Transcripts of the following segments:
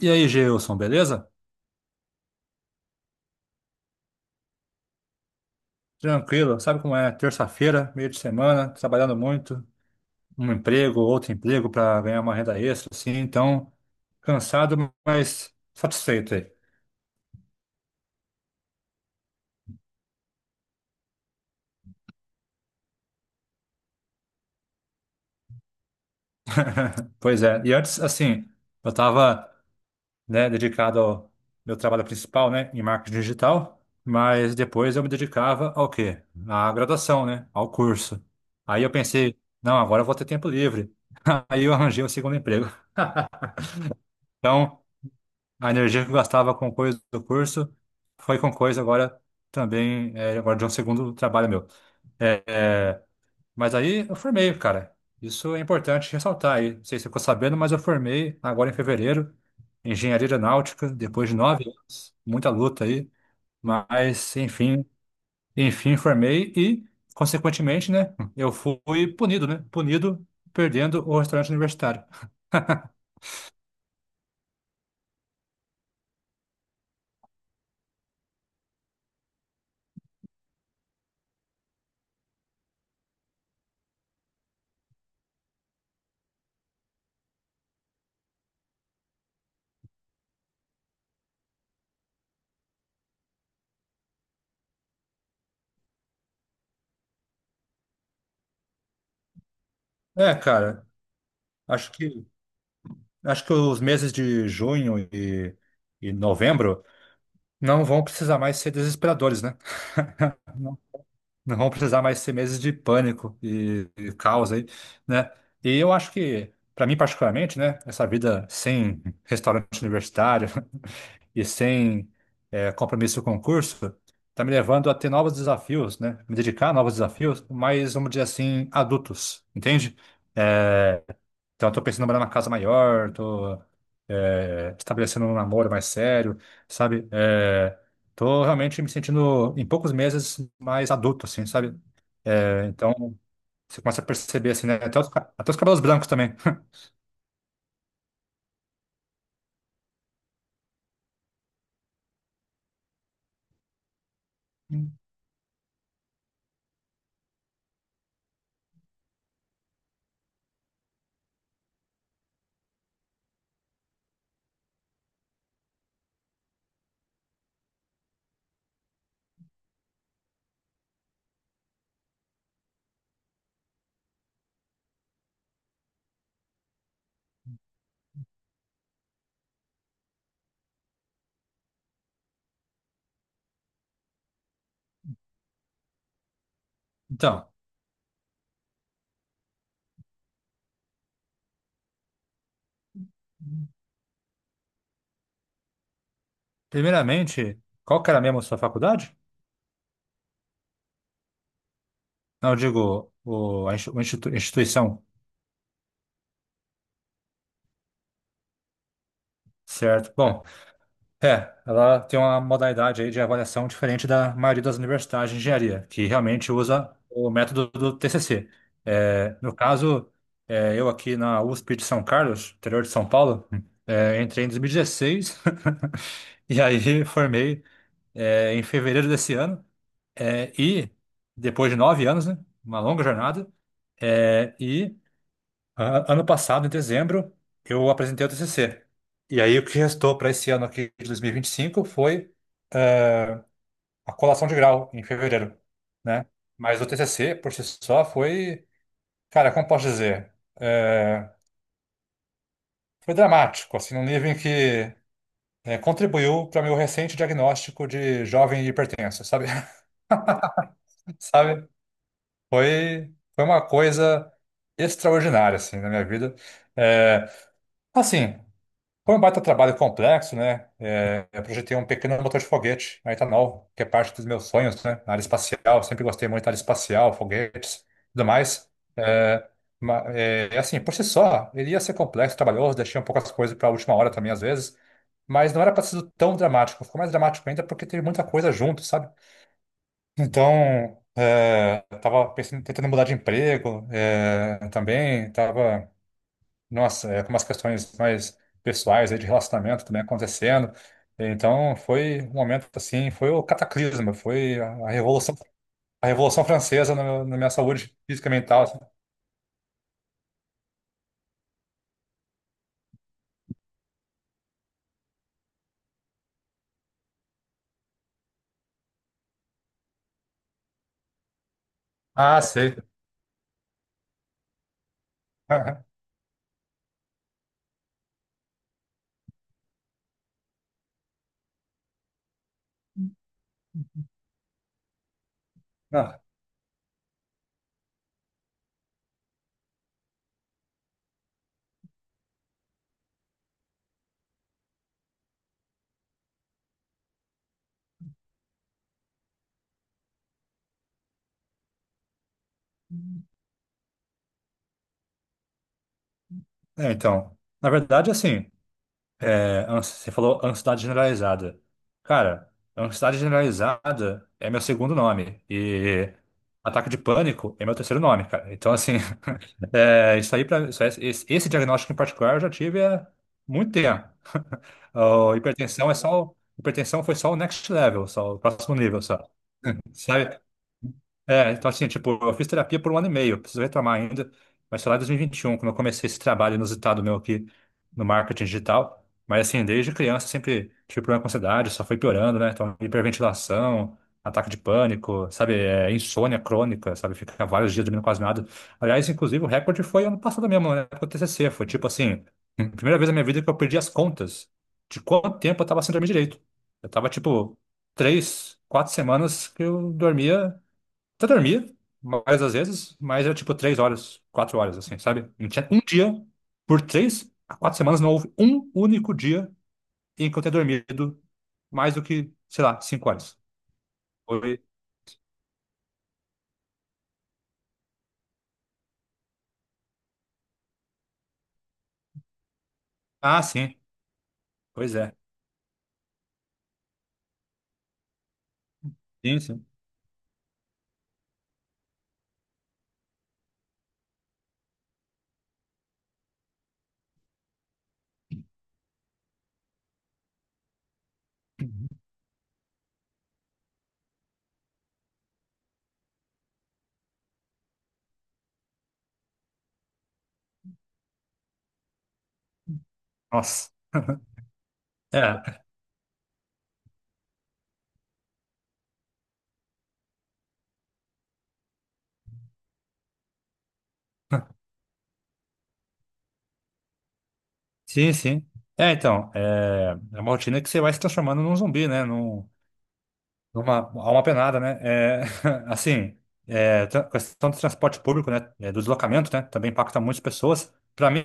E aí, Gilson, beleza? Tranquilo, sabe como é? Terça-feira, meio de semana, trabalhando muito, um emprego, outro emprego para ganhar uma renda extra, assim, então, cansado, mas satisfeito aí. Pois é, e antes, assim, eu estava, né, dedicado ao meu trabalho principal, né, em marketing digital, mas depois eu me dedicava ao quê? À graduação, né, ao curso. Aí eu pensei, não, agora eu vou ter tempo livre. Aí eu arranjei o segundo emprego. Então, a energia que eu gastava com coisa do curso foi com coisa agora também, agora de um segundo trabalho meu. É, é, mas aí eu formei, cara. Isso é importante ressaltar aí. Não sei se você ficou sabendo, mas eu formei agora em fevereiro, engenharia aeronáutica, depois de 9 anos, muita luta aí. Mas, enfim, formei e, consequentemente, né, eu fui punido, né? Punido perdendo o restaurante universitário. É, cara, acho que. acho que os meses de junho e novembro não vão precisar mais ser desesperadores, né? Não, não vão precisar mais ser meses de pânico e caos aí, né? E eu acho que, para mim particularmente, né, essa vida sem restaurante universitário e sem compromisso com o curso está me levando a ter novos desafios, né? Me dedicar a novos desafios, mas vamos dizer assim, adultos, entende? Eh, então, eu tô pensando em morar numa casa maior, tô estabelecendo um namoro mais sério, sabe? É, tô realmente me sentindo, em poucos meses, mais adulto, assim, sabe? É, então, você começa a perceber, assim, né? Até até os cabelos brancos também. Então, primeiramente, qual que era mesmo a sua faculdade? Não, eu digo, instituição, certo? Bom, ela tem uma modalidade aí de avaliação diferente da maioria das universidades de engenharia, que realmente usa o método do TCC. É, no caso, eu aqui na USP de São Carlos, interior de São Paulo, entrei em 2016 e dezesseis e aí formei em fevereiro desse ano. E depois de 9 anos, né, uma longa jornada, é, e ano passado, em dezembro, eu apresentei o TCC. E aí o que restou para esse ano aqui de dois mil e vinte e cinco foi eh, a colação de grau em fevereiro, né? Mas o TCC por si só foi, cara, como posso dizer, Eh, foi dramático, assim, num nível em que contribuiu para meu recente diagnóstico de jovem hipertenso, sabe? Sabe? Foi uma coisa extraordinária, assim, na minha vida. Eh, assim. Foi um baita trabalho complexo, né? É, eu projetei um pequeno motor de foguete, aí tá novo, que é parte dos meus sonhos, né? Na área espacial, sempre gostei muito da área espacial, foguetes, tudo mais. É, assim, por si só, ele ia ser complexo, trabalhoso, deixei um pouco as coisas para a última hora também, às vezes, mas não era para ser tão dramático. Ficou mais dramático ainda porque teve muita coisa junto, sabe? Então, tava pensando, tentando mudar de emprego, também, tava nossa, com umas questões mais pessoais aí de relacionamento também acontecendo. Então foi um momento assim, foi o cataclisma, foi a revolução, a revolução francesa na minha saúde física e mental, assim. Ah, sei. Ah, então, na verdade, assim, você falou ansiedade generalizada. Cara, ansiedade generalizada é meu segundo nome e ataque de pânico é meu terceiro nome, cara. Então, assim, isso aí para esse diagnóstico em particular eu já tive há muito tempo. A hipertensão foi só o next level, só o próximo nível, só. Sabe? Então assim, tipo, eu fiz terapia por um ano e meio, preciso retomar ainda, mas foi lá em 2021, quando eu comecei esse trabalho inusitado meu aqui no marketing digital. Mas assim, desde criança sempre tive problema com ansiedade, só foi piorando, né? Então, hiperventilação, ataque de pânico, sabe? Insônia crônica, sabe? Ficar vários dias dormindo quase nada. Aliás, inclusive, o recorde foi ano passado mesmo, né? Com o TCC, foi tipo assim, primeira vez na minha vida que eu perdi as contas de quanto tempo eu tava sem dormir direito. Eu tava, tipo, 3, 4 semanas que eu dormia, até dormia mais às vezes, mas era tipo 3 horas, 4 horas, assim, sabe? Não tinha um dia, por 3 a 4 semanas, não houve um único dia em que eu tenha dormido mais do que, sei lá, 5 horas. Foi... Ah, sim, pois é. Sim, sim. Uhum. Nossa. É, sim, sim. Então, é uma rotina que você vai se transformando num zumbi, né? Há uma penada, né? É, assim, questão do transporte público, né? Do deslocamento, né? Também impacta muitas pessoas. Para mim,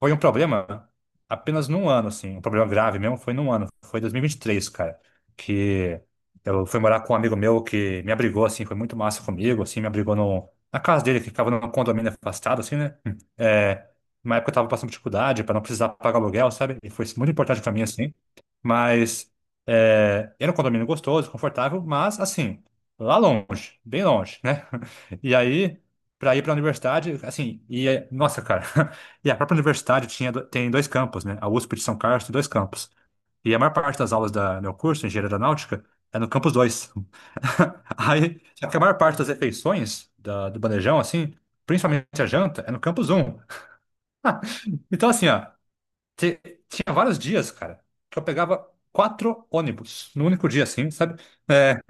foi um problema apenas num ano, assim. Um problema grave mesmo foi num ano. Foi dois mil e vinte e três, cara. Que eu fui morar com um amigo meu que me abrigou, assim. Foi muito massa comigo, assim. Me abrigou no, na casa dele, que ficava num condomínio afastado, assim, né? Uma época eu tava passando dificuldade para não precisar pagar aluguel, sabe? E foi muito importante para mim, assim. Mas era um condomínio gostoso, confortável, mas assim, lá longe, bem longe, né? E aí, para ir para a universidade, assim, nossa, cara, e a própria universidade tem dois campos, né? A USP de São Carlos tem dois campos. E a maior parte das aulas do meu curso, Engenharia Aeronáutica, é no campus 2. Aí, só que a maior parte das refeições do bandejão, assim, principalmente a janta, é no campus 1. Então, assim, ó. Te- Tinha vários dias, cara, que eu pegava quatro ônibus no único dia, assim, sabe? É,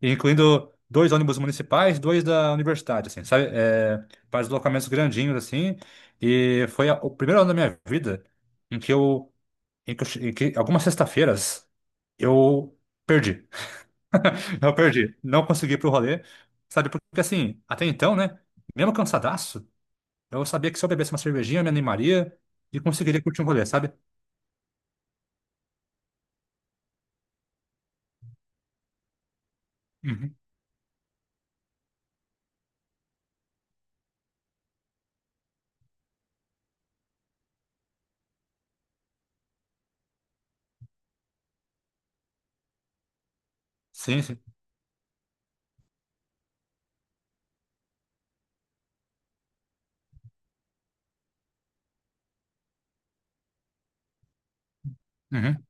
Incluindo dois ônibus municipais, dois da universidade, assim, sabe? Para deslocamentos grandinhos, assim. E foi o primeiro ano da minha vida em que eu, em que algumas sextas-feiras eu perdi. Eu perdi. Não consegui ir pro rolê, sabe? Porque, assim, até então, né? Mesmo cansadaço, eu sabia que se eu bebesse uma cervejinha, eu me animaria e conseguiria curtir um rolê, sabe? Uhum. Sim, sim. Uhum.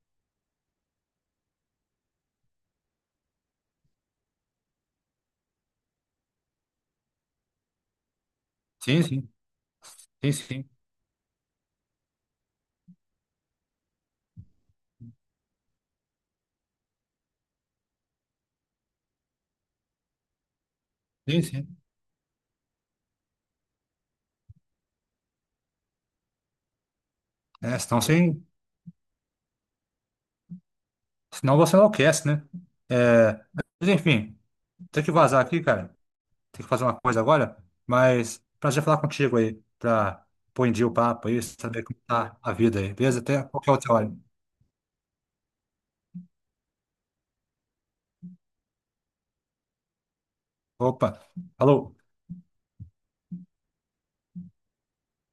Sim, sim, sim, sim, sim, sim. É, senão, você, enlouquece, né? É, mas enfim, tem que vazar aqui, cara. Tem que fazer uma coisa agora, mas prazer falar contigo aí, pra pôr em dia o papo aí, saber como tá a vida aí, beleza? Até qualquer outra hora. Opa, falou.